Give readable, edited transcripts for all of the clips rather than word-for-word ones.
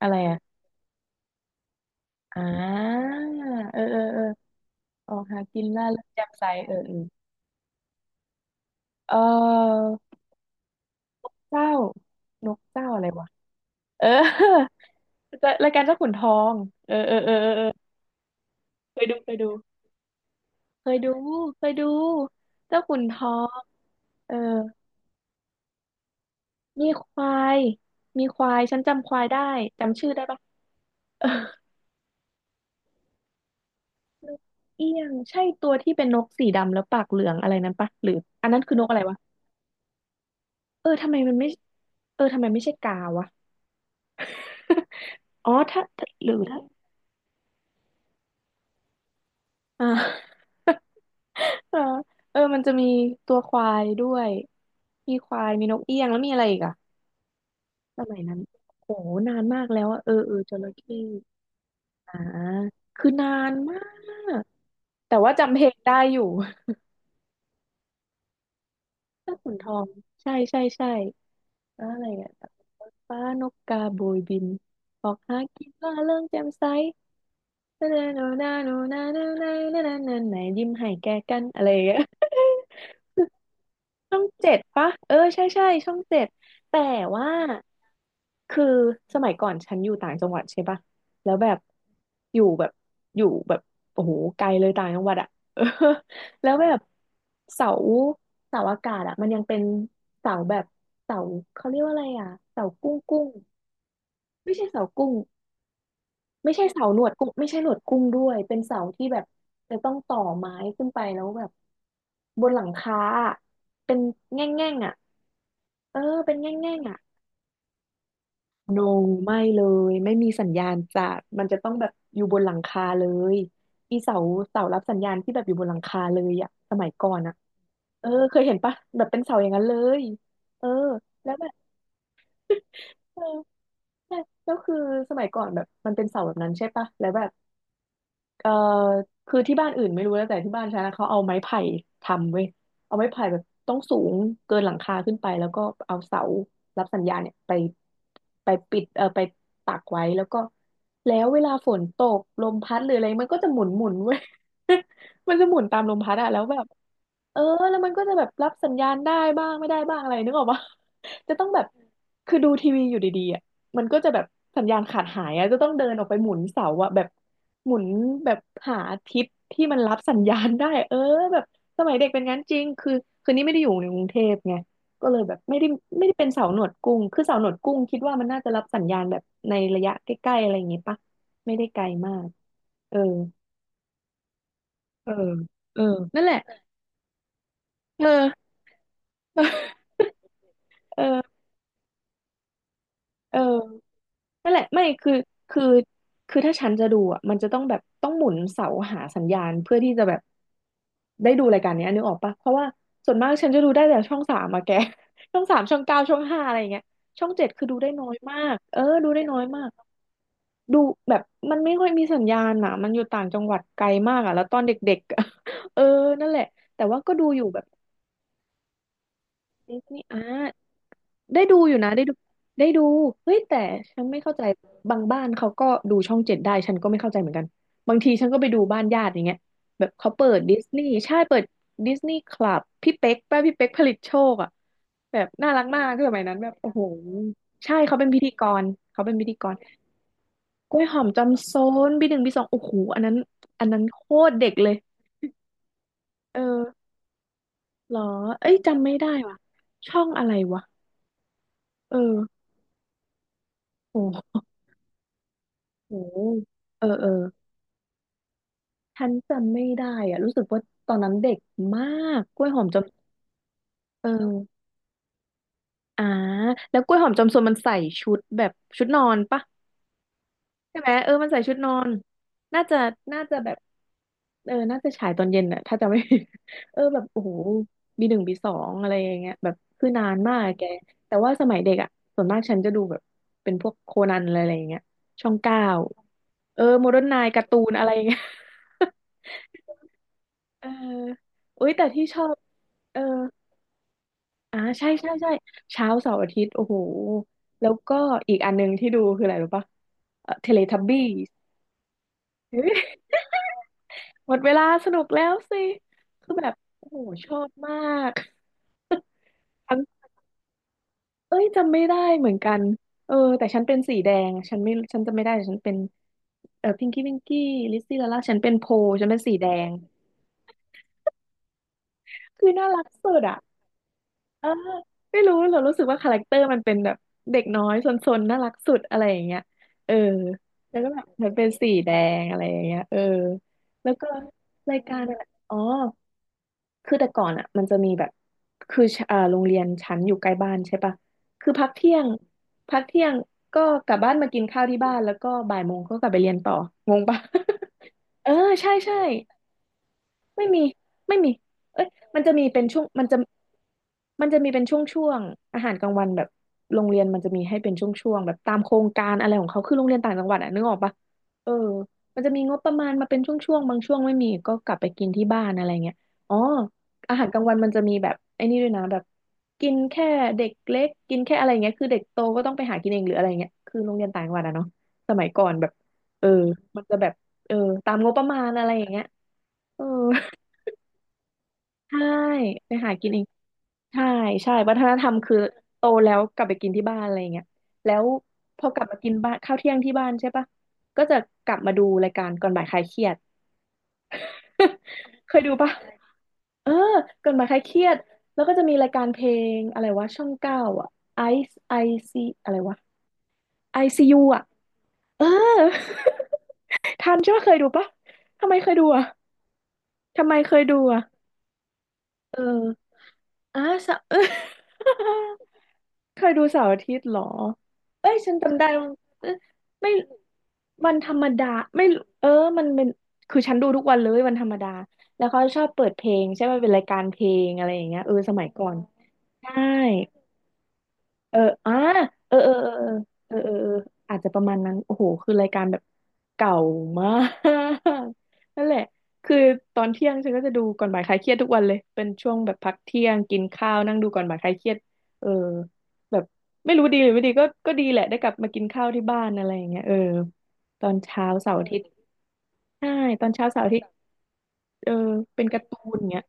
อะไรอ่ะอ่าเออเออเออออกหากินล่าเริงแจ่มใสเออเออเออเจ้านกเจ้าอะไรวะเออ จะรายการเจ้าขุนทองเออเออเออเออเออเคยดูเคยดูเคยดูเคยดู เจ้าขุนทองเออมีควายมีควายฉันจำควายได้จำชื่อได้ปะเออนกเอี้ยงใช่ตัวที่เป็นนกสีดำแล้วปากเหลืองอะไรนั้นปะหรืออันนั้นคือนกอะไรวะเออทำไมมันไม่เออทำไมไม่ใช่กาวะ อ๋อถ้าหรือถ้าอ่าเออเออมันจะมีตัวควายด้วยมีควายมีนกเอี้ยงแล้วมีอะไรอีกอะสมัยนั้นโอ้โหนานมากแล้วอะเออเออจระเข้อ่าคือนานมากแต่ว่าจำเพลงได้อยู่ ถ้าขุนทองใช่ใช่ใช่แล้วอะไรอ่ะฟ้านกกาโบยบินออกหากินล่าเริงแจ่มใสนานานานานานานานานานานายิ้มให้แก่กันอะไรอย่างเงี้ย ช่องเจ็ดปะเออใช่ใช่ช่องเจ็ดแต่ว่าคือสมัยก่อนฉันอยู่ต่างจังหวัดใช่ปะแล้วแบบอยู่แบบอยู่แบบโอ้โหไกลเลยต่างจังหวัดอะ เออแล้วแบบเสาเสาอากาศอะมันยังเป็นเสาแบบเสาเขาเรียกว่าอะไรอะเสากุ้งกุ้งไม่ใช่เสากุ้งไม่ใช่เสาหนวดกุ้งไม่ใช่หนวดกุ้งด้วยเป็นเสาที่แบบจะต้องต่อไม้ขึ้นไปแล้วแบบบนหลังคาอะเป็นแง่งๆอ่ะเออเป็นแง่งๆอ่ะ โนไม่เลยไม่มีสัญญาณจากมันจะต้องแบบอยู่บนหลังคาเลยอีเสาเสารับสัญญาณที่แบบอยู่บนหลังคาเลยอะสมัยก่อนอะเออเคยเห็นปะแบบเป็นเสาอย่างนั้นเลยเออแล้วแบบเออใช่แล้วคือสมัยก่อนแบบมันเป็นเสาแบบนั้นใช่ปะแล้วแบบ เอ่อคือที่บ้านอื่นไม่รู้แล้วแต่ที่บ้านฉันนะเขาเอาไม้ไผ่ทำเว้ยเอาไม้ไผ่แบบต้องสูงเกินหลังคาขึ้นไปแล้วก็เอาเสารับสัญญาณเนี่ยไปไปปิดเอ่อไปปักไว้แล้วก็แล้วเวลาฝนตกลมพัดหรืออะไรมันก็จะหมุนหมุนเว้ย มันจะหมุนตามลมพัดอะแล้วแบบเออแล้วมันก็จะแบบรับสัญญาณได้บ้างไม่ได้บ้างอะไรนึกออกปะ จะต้องแบบคือดูทีวีอยู่ดีๆอะมันก็จะแบบสัญญาณขาดหายอะจะต้องเดินออกไปหมุนเสาอะแบบ หมุนแบบหาทิศที่มันรับสัญญาณได้เออแบบสมัยเด็กเป็นงั้นจริงคือคือนี่ไม่ได้อยู่ในกรุงเทพไงก็เลยแบบไม่ได้ไม่ได้เป็นเสาหนวดกุ้งคือเสาหนวดกุ้งคิดว่ามันน่าจะรับสัญญาณแบบในระยะใกล้ๆอะไรอย่างงี้ปะไม่ได้ไกลมากเออเออเออนั่นแหละเออเออเออ นั่นแหละไม่คือคือถ้าฉันจะดูอ่ะมันจะต้องแบบต้องหมุนเสาหาสัญญาณเพื่อที่จะแบบได้ดูรายการเนี้ยนึกออกปะเพราะว่าส่วนมากฉันจะดูได้แต่ช่องสามอะแก ช่อง 3ช่อง 9ช่อง 5อะไรอย่างเงี้ยช่องเจ็ดคือดูได้น้อยมากเออดูได้น้อยมากดูแบบมันไม่ค่อยมีสัญญาณอ่ะมันอยู่ต่างจังหวัดไกลมากอ่ะแล้วตอนเด็กๆอะ เออนั่นแหละแต่ว่าก็ดูอยู่แบบดิสนีย์อ่า ได้ดูอยู่นะได้ดูได้ดูเฮ้ยแต่ฉันไม่เข้าใจบางบ้านเขาก็ดูช่องเจ็ดได้ฉันก็ไม่เข้าใจเหมือนกันบางทีฉันก็ไปดูบ้านญาติอย่างเงี้ยแบบเขาเปิดดิสนีย์ใช่เปิดดิสนีย์คลับพี่เป๊กป้าพี่เป๊กผลิตโชคอ่ะแบบน่ารักมากคือสมัยนั้นแบบโอ้โหใช่เขาเป็นพิธีกรเขาเป็นพิธีกรกล้วยหอมจำโซนบีหนึ่งบีสองโอ้โหอันนั้นอันนั้นโคตรเด็กเลยเออเหรอเอ้ยจำไม่ได้ว่ะช่องอะไรวะเออโอ้โหเออเออ ฉันจำไม่ได้อะรู้สึกว่าตอนนั้นเด็กมากกล้วยหอมจอมเอออ่าแล้วกล้วยหอมจอมซนมันใส่ชุดแบบชุดนอนปะใช่ไหมเออมันใส่ชุดนอนน่าจะแบบเออน่าจะฉายตอนเย็นอะถ้าจะไม่ ผิด เออแบบโอ้โหบีหนึ่งบีสองอะไรอย่างเงี้ยแบบคือนานมากอะแกแต่ว่าสมัยเด็กอ่ะส่วนมากฉันจะดูแบบเป็นพวกโคนันอะไรอย่างเงี้ยช่องเก้าเออโมเดิร์นไนน์การ์ตูนอะไรอย่างเงี้ย เอออุ้ยแต่ที่ชอบเออ อ่าใช่ใช่ใช่เช้าเสาร์อาทิตย์โอ้โหแล้วก็อีกอันหนึงที่ดูคืออะไรรู้ปะเทเลทับบี้ หมดเวลาสนุกแล้วสิคือแบบโอ้โหชอบมากทั้งเอ้ยจำไม่ได้เหมือนกันเออแต่ฉันเป็นสีแดงฉันจำไม่ได้แต่ฉันเป็นเออพิงกี้ลิซซี่ลาล่าฉันเป็นโพฉันเป็นสีแดงคือน่ารักสุดอ่ะ เออไม่รู้เรารู้สึกว่าคาแรคเตอร์มันเป็นแบบเด็กน้อยซนๆน่ารักสุดอะไรอย่างเงี้ยเออแล้วก็แบบเหมือนเป็นสีแดงอะไรอย่างเงี้ยเออแล้วก็รายการอะอ๋อคือแต่ก่อนอ่ะมันจะมีแบบคือชอ่าโรงเรียนชั้นอยู่ใกล้บ้านใช่ปะคือพักเที่ยงก็กลับบ้านมากินข้าวที่บ้านแล้วก็บ่ายโมงก็กลับไปเรียนต่องงปะ เออใช่ใช่ ไม่มีไม่มี เอ้ยมันจะมีเป็นช่วงมันจะมีเป็นช่วงๆอาหารกลางวันแบบโรงเรียนมันจะมีให้เป็นช่วงๆแบบตามโครงการอะไรของเขาคือโรงเรียนต่างจังหวัดอะนึกออกปะเออ มันจะมีงบประมาณมาเป็นช่วงๆบางช่วงไม่มีก็กลับไปกินที่บ้านอะไรเงี้ยอ๋ออาหารกลางวันมันจะมีแบบไอ้นี่ด้วยนะแบบกินแค่เด็กเล็กกินแค่อะไรเงี้ยคือเด็กโตก็ต้องไปหากินเองหรืออะไรเงี้ยคือโรงเรียนต่างจังหวัดอะเนาะสมัยก่อนแบบเออมันจะแบบเออตามงบประมาณอะไรอย่างเงี้ยเออ ใช่ไปหากินเองใช่ใช่วัฒนธรรมคือโตแล้วกลับไปกินที่บ้านอะไรอย่างเงี้ยแล้วพอกลับมากินบ้านข้าวเที่ยงที่บ้านใช่ปะก็จะกลับมาดูรายการก่อนบ่ายคลายเครียด เคยดูปะเออก่อนบ่ายคลายเครียดแล้วก็จะมีรายการเพลงอะไรวะช่องเก้าอ่ะไอไอซีอะไรวะไอซียูอ่ะเออ ทันใช่ปะเคยดูปะทำไมเคยดูอ่ะทำไมเคยดูอ่ะเอออ่ะสะ เคยดูเสาร์อาทิตย์เหรอเอ้ยฉันจำได้ว่าเอยไม่มันธรรมดาไม่เออมันเป็นคือฉันดูทุกวันเลยวันธรรมดาแล้วเขาชอบเปิดเพลงใช่ไหมเป็นรายการเพลงอะไรอย่างเงี้ยเออสมัยก่อนใช่ เอออ่าเออเออเออเออเออเอออาจจะประมาณนั้นโอ้โหคือรายการแบบเก่ามาก นั่นแหละ คือตอนเที่ยงฉันก็จะดูก่อนบ่ายคลายเครียดทุกวันเลยเป็นช่วงแบบพักเที่ยงกินข้าวนั่งดูก่อนบ่ายคลายเครียดเออแบบไม่รู้ดีหรือไม่ดีก็ดีแหละได้กลับมากินข้าวที่บ้านอะไรอย่างเงี้ยเออตอนเช้าเสาร์อาทิตย์ใช่ตอนเช้าเสาร์อาทิตย์เออเป็นการ์ตูนอย่างเงี้ย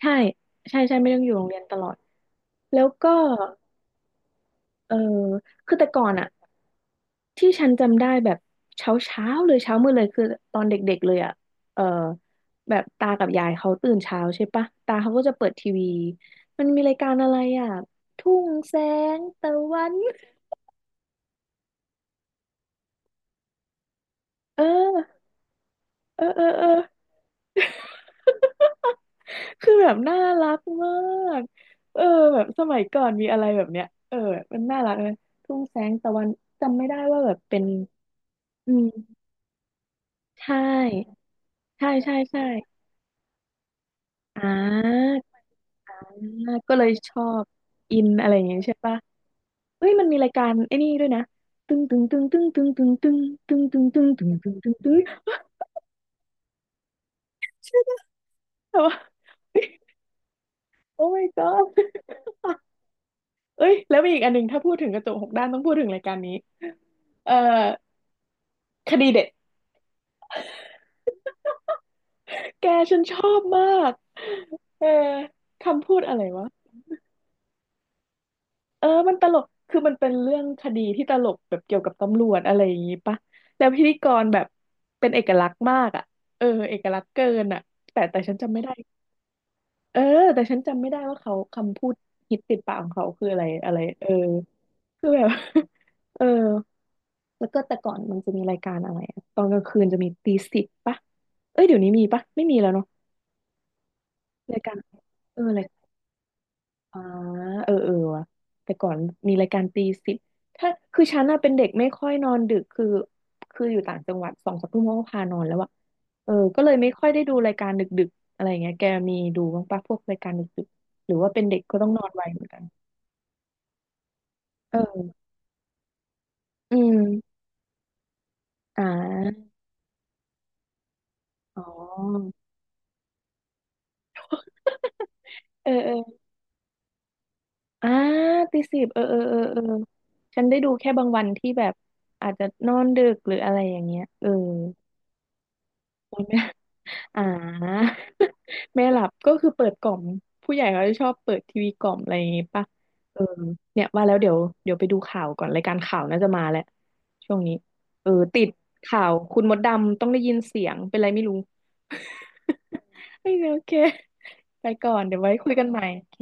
ใช่ใช่ ใช่ไม่ต้องอยู่โรงเรียนตลอด แล้วก็เออคือแต่ก่อนอะ ที่ฉันจำได้แบบเช้าเลยเช้ามืดเลยคือตอนเด็กๆเลยอ่ะเออแบบตากับยายเขาตื่นเช้าใช่ปะตาเขาก็จะเปิดทีวีมันมีรายการอะไรอ่ะทุ่งแสงตะวันเออเออ คือแบบน่ารักมากเออแบบสมัยก่อนมีอะไรแบบเนี้ยเออมันน่ารักนะทุ่งแสงตะวันจำไม่ได้ว่าแบบเป็นอืมใช่ใช่ใช่ใช่อ่า อ่าก็เลยชอบอินอะไรอย่างเงี้ยใช่ปะเฮ้ยมันมีรายการไอ้นี่ด้วยนะตึงตึงตึงตึงตึงตึงตึงตึงตึงตึงตึงตึงตึงตึงแต่ว่าโอ้ my god เอ้ยแล้วมีอีกอันหนึ่งถ้าพูดถึงกระจกหกด้านต้องพูดถึงรายการนี้เอ่อคดีเด็ดแกฉันชอบมากเออคำพูดอะไรวะ เออมันตลก คือมันเป็นเรื่องคดีที่ตลกแบบเกี่ยวกับตำรวจอะไรอย่างงี้ปะแล้วพิธีกรแบบเป็นเอกลักษณ์มากอ่ะเออเอกลักษณ์เกินอ่ะแต่ฉันจำไม่ได้เออแต่ฉันจำไม่ได้ว่าเขาคำพูดฮิตติดปากของเขาคืออะไรอะไรเออคือแบบ เออแล้วก็แต่ก่อนมันจะมีรายการอะไรอะตอนกลางคืนจะมีตีสิบปะเอ้ยเดี๋ยวนี้มีปะไม่มีแล้วเนาะรายการเออ อ่าเออเออว่ะแต่ก่อนมีรายการตีสิบ ถ้าคือฉันน่ะเป็นเด็กไม่ค่อยนอนดึก คือคืออยู่ต่างจังหวัดสองสามทุ่มเขาก็พานอนแล้วอะเออก็เลยไม่ค่อยได้ดูรายการดึกๆอะไรอย่างเงี้ยแกมีดูบ้างปะพวกรายการดึกๆหรือว่าเป็นเด็กก็ต้องนอนไวเหมือนกันเอออืมอ่าอ๋อเอออ่าตีสิบเออฉันได้ดูแค่บางวันที่แบบอาจจะนอนดึกหรืออะไรอย่างเงี้ยเออ อ่า แม่หลับก็คือเปิดกล่อมผู้ใหญ่เขาจะชอบเปิดทีวีกล่อมอะไรอย่างงี้ป่ะเออเนี่ยว่าแล้วเดี๋ยวไปดูข่าวก่อนรายการข่าวน่าจะมาแหละช่วงนี้เออติดข่าวคุณมดดำต้องได้ยินเสียงเป็นไรไม่รู้ เโอเคไปก่อนเดี๋ยวไว้คุยกันใหม่โอเค